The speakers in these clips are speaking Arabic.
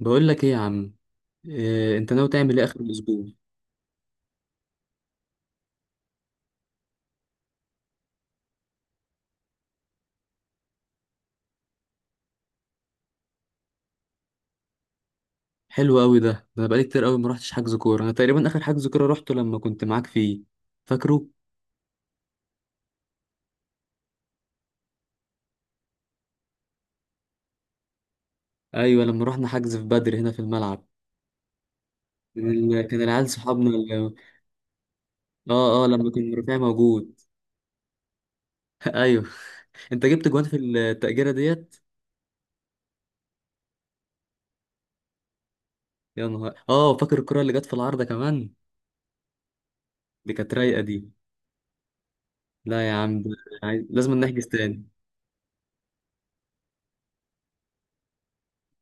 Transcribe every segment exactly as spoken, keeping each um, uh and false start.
بقول لك ايه يا عم؟ إيه انت ناوي تعمل ايه اخر الاسبوع؟ حلو قوي. ده ده انا بقالي كتير قوي ما رحتش حجز كوره، انا تقريبا اخر حجز كوره رحته لما كنت معاك فيه، فاكره؟ ايوه، لما رحنا حجز في بدر هنا في الملعب. كان ال- كان العيال صحابنا اللي... اه، اه، لما كان رفيع موجود. ايوه. انت جبت جوان في التأجيرة ديت؟ يا نهار! اه، فاكر الكرة اللي جت في العارضة كمان؟ دي كانت رايقة دي. لا يا عم، ده عايز- لازم نحجز تاني.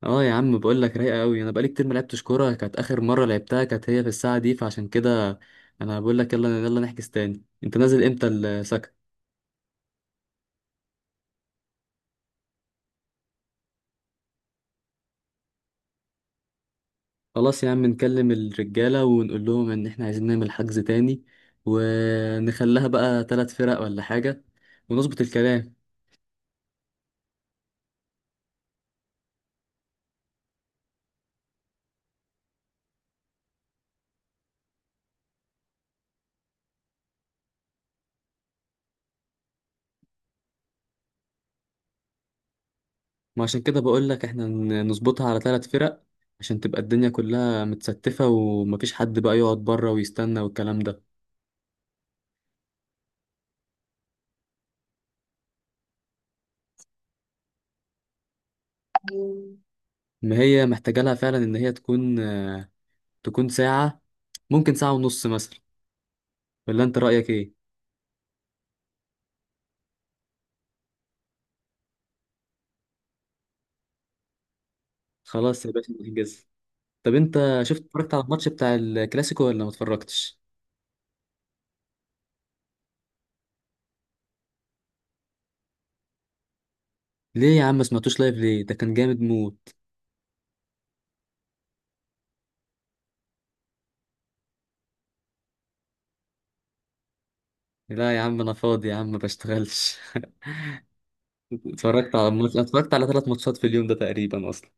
اه يا عم، بقول لك رايقه قوي، انا بقالي كتير ما لعبتش كوره، كانت اخر مره لعبتها كانت هي في الساعه دي، فعشان كده انا بقول لك يلا يلا نحجز تاني. انت نازل امتى السكن؟ خلاص يا عم، نكلم الرجاله ونقول لهم ان احنا عايزين نعمل حجز تاني، ونخليها بقى ثلاث فرق ولا حاجه، ونظبط الكلام. ما عشان كده بقول لك احنا ن- نظبطها على ثلاث فرق، عشان تبقى الدنيا كلها متستفه ومفيش حد بقى يقعد بره ويستنى والكلام ده. ما هي محتاجة لها فعلا إن هي تكون، تكون ساعة، ممكن ساعة ونص مثلا، ولا انت رأيك ايه؟ خلاص يا باشا نحجز. طب انت شفت، اتفرجت على الماتش بتاع الكلاسيكو ولا ما اتفرجتش؟ ليه يا عم ما سمعتوش لايف؟ ليه؟ ده كان جامد موت. لا يا عم انا فاضي يا عم، ما بشتغلش. اتفرجت على الماتش، اتفرجت على ثلاث ماتشات في اليوم ده تقريبا اصلا.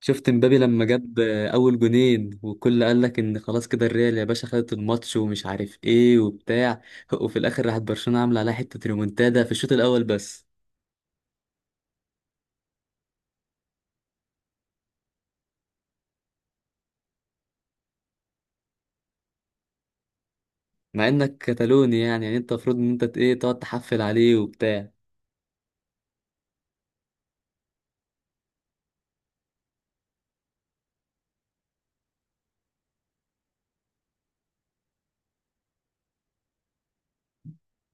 شفت مبابي لما جاب اول جونين والكل قال لك ان خلاص كده الريال يا باشا خدت الماتش ومش عارف ايه وبتاع، وفي الاخر راحت برشلونة عامله عليها حتة ريمونتادا في الشوط الاول بس. مع انك كتالوني يعني، يعني انت المفروض ان انت ت- ايه تقعد تحفل عليه وبتاع.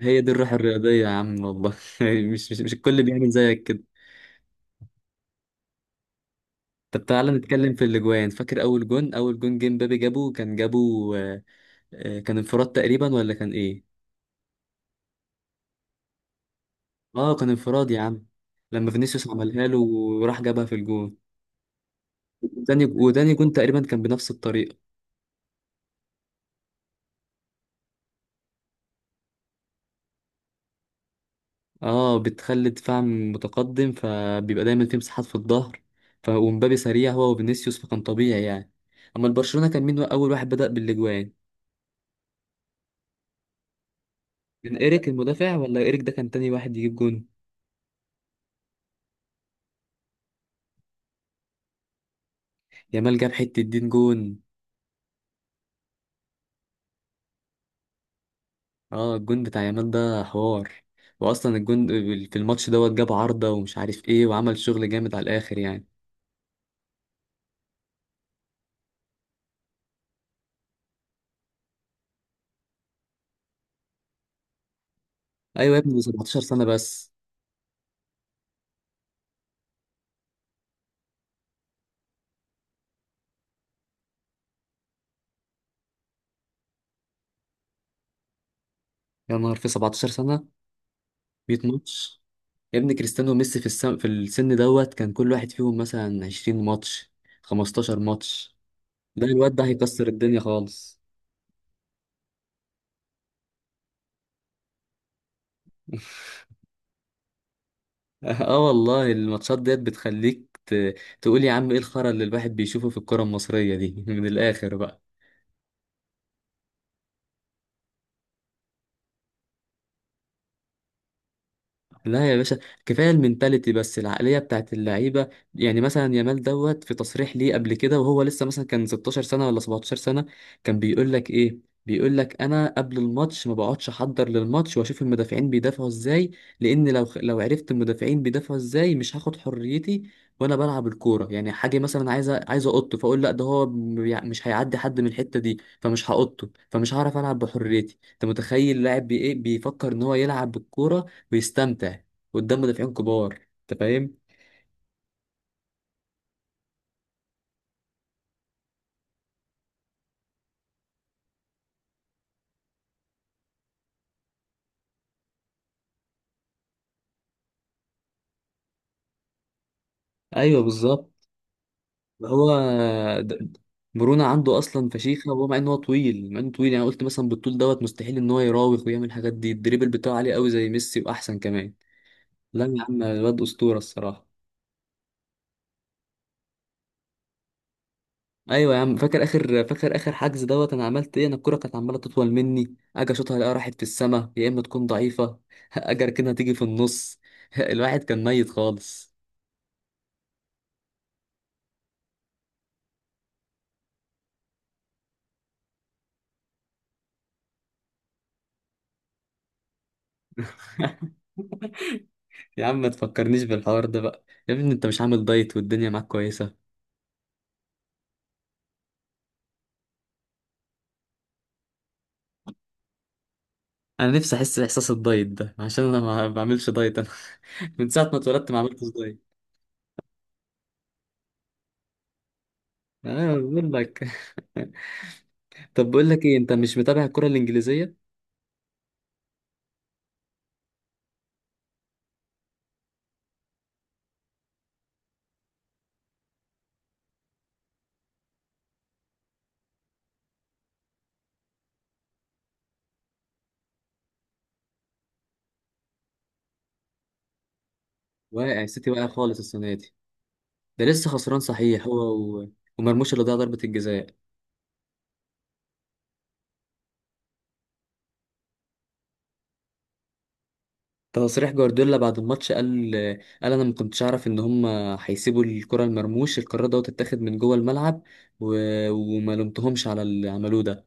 هي دي الروح الرياضية يا عم والله. مش مش مش الكل بيعمل زيك كده. طب تعالى نتكلم في الاجوان. فاكر اول جون؟ اول جون جيم بابي جابه، كان جابه. آه، آه، كان انفراد تقريبا ولا كان ايه؟ اه كان انفراد يا عم، لما فينيسيوس عملها له وراح جابها في الجون. وتاني وتاني جون تقريبا كان بنفس الطريقة. اه، بتخلي دفاع متقدم فبيبقى دايما في مساحات في الظهر. ف- ومبابي سريع هو وفينيسيوس، فكان طبيعي يعني. اما البرشلونة كان مين اول واحد بدأ بالاجوان؟ كان ايريك المدافع، ولا ايريك ده كان تاني واحد يجيب جون؟ يامال جاب حتة دين جون. اه الجون بتاع يامال ده حوار، واصلا الجون في الماتش دوت جاب عارضة ومش عارف ايه وعمل شغل جامد على الاخر يعني. ايوه يا ابني، سبعتاشر سنة بس! يا نهار، في سبعتاشر سنة ميت ماتش! يا ابني كريستيانو وميسي في السن، في السن دوت كان كل واحد فيهم مثلا عشرين ماتش، خمستاشر ماتش. ده الواد ده هيكسر الدنيا خالص. اه والله الماتشات ديت بتخليك ت... تقول يا عم ايه الخرا اللي الواحد بيشوفه في الكرة المصرية دي. من الآخر بقى. لا يا باشا، كفايه المنتاليتي بس، العقليه بتاعت اللعيبه. يعني مثلا يامال دوت في تصريح ليه قبل كده وهو لسه مثلا كان ستاشر سنه ولا سبعتاشر سنه، كان بيقول لك ايه؟ بيقول لك انا قبل الماتش ما بقعدش احضر للماتش واشوف المدافعين بيدافعوا ازاي، لان لو لو عرفت المدافعين بيدافعوا ازاي مش هاخد حريتي وانا بلعب الكوره. يعني حاجه مثلا عايز عايز اقط، فاقول لا ده هو بيع- مش هيعدي حد من الحته دي، فمش هقطه، فمش هعرف العب بحريتي. انت متخيل لاعب بي ايه بيفكر ان هو يلعب بالكوره، بيستمتع قدام مدافعين كبار؟ انت فاهم؟ ايوه بالظبط. هو د- مرونة عنده اصلا فشيخة، وهو مع ان هو طويل، مع انه طويل، يعني قلت مثلا بالطول دوت مستحيل ان هو يراوغ ويعمل الحاجات دي. الدريبل بتاعه عالي قوي زي ميسي واحسن كمان. لا يا عم الواد اسطورة الصراحة. ايوه يا عم، فاكر اخر فاكر اخر حجز دوت انا عملت ايه؟ انا الكرة كانت عمالة تطول مني، اجي اشوطها الاقيها راحت في السما، يا اما تكون ضعيفة. اجي اركنها تيجي في النص. الواحد كان ميت خالص. يا عم ما تفكرنيش بالحوار ده بقى. يا ابني انت مش عامل دايت والدنيا معاك كويسة؟ انا نفسي احس باحساس الدايت ده، عشان انا ما بعملش دايت انا. من ساعة ما اتولدت ما عملتش دايت. انا بقول لك. طب بقول لك ايه، انت مش متابع الكرة الانجليزية؟ واقع السيتي، واقع خالص السنة دي. ده لسه خسران صحيح هو، و... ومرموش اللي ضيع ضربة الجزاء. تصريح جوارديولا بعد الماتش، قال قال انا ما كنتش اعرف ان هم هيسيبوا الكرة لمرموش، القرار ده تتاخد من جوه الملعب، و... وما لومتهمش على اللي عملوه ده،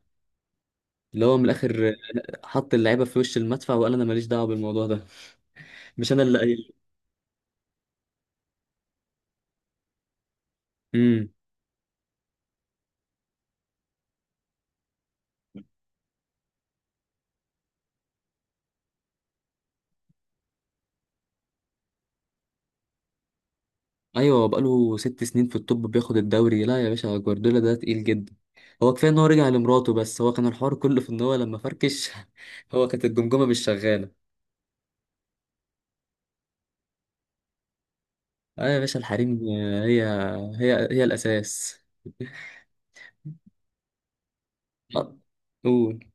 اللي هو من الاخر حط اللعيبه في وش المدفع، وقال انا ماليش دعوه بالموضوع ده، مش انا اللي قايل. امم ايوه، هو بقاله ست سنين في التوب بياخد الدوري. لا يا باشا، جوارديولا ده تقيل جدا. هو كفايه ان هو رجع لمراته، بس هو كان الحوار كله في ان هو لما فركش، هو كانت الجمجمه مش شغاله. اه يا باشا، الحريم هي هي هي الاساس. آه، قول.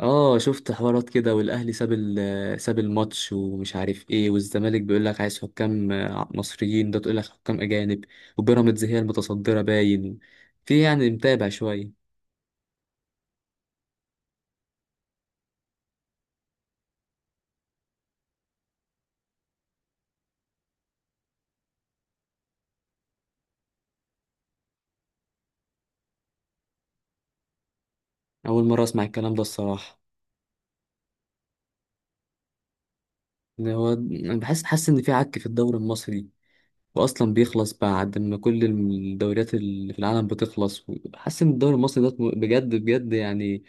اه شفت حوارات كده، والاهلي ساب ال- ساب الماتش ومش عارف ايه، والزمالك بيقول لك عايز حكام آه، مصريين، ده تقول لك حكام اجانب. وبيراميدز هي المتصدره باين. في يعني، متابع شويه. اول مره اسمع الكلام ده الصراحه. إن هو انا بحس، حاسس ان في عك في الدوري المصري، واصلا بيخلص بعد ما كل الدوريات اللي في العالم بتخلص. حاسس ان الدوري المصري ده بجد بجد يعني،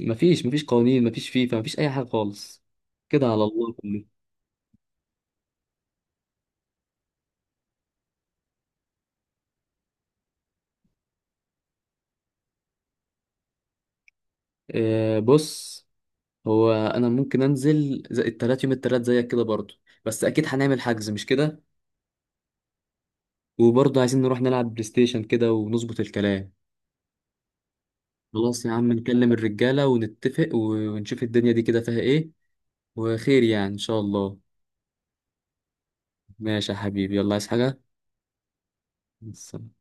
مفيش مفيش قوانين، مفيش فيفا، مفيش اي حاجه خالص، كده على الله كله. آه بص، هو انا ممكن انزل زي التلات، يوم التلات زيك كده برضه، بس اكيد هنعمل حجز مش كده؟ وبرضه عايزين نروح نلعب بلاي ستيشن كده ونظبط الكلام. خلاص يا عم، نكلم الرجالة ونتفق و- ونشوف الدنيا دي كده فيها ايه، وخير يعني ان شاء الله. ماشي يا حبيبي، يلا عايز حاجة؟ مع السلامة.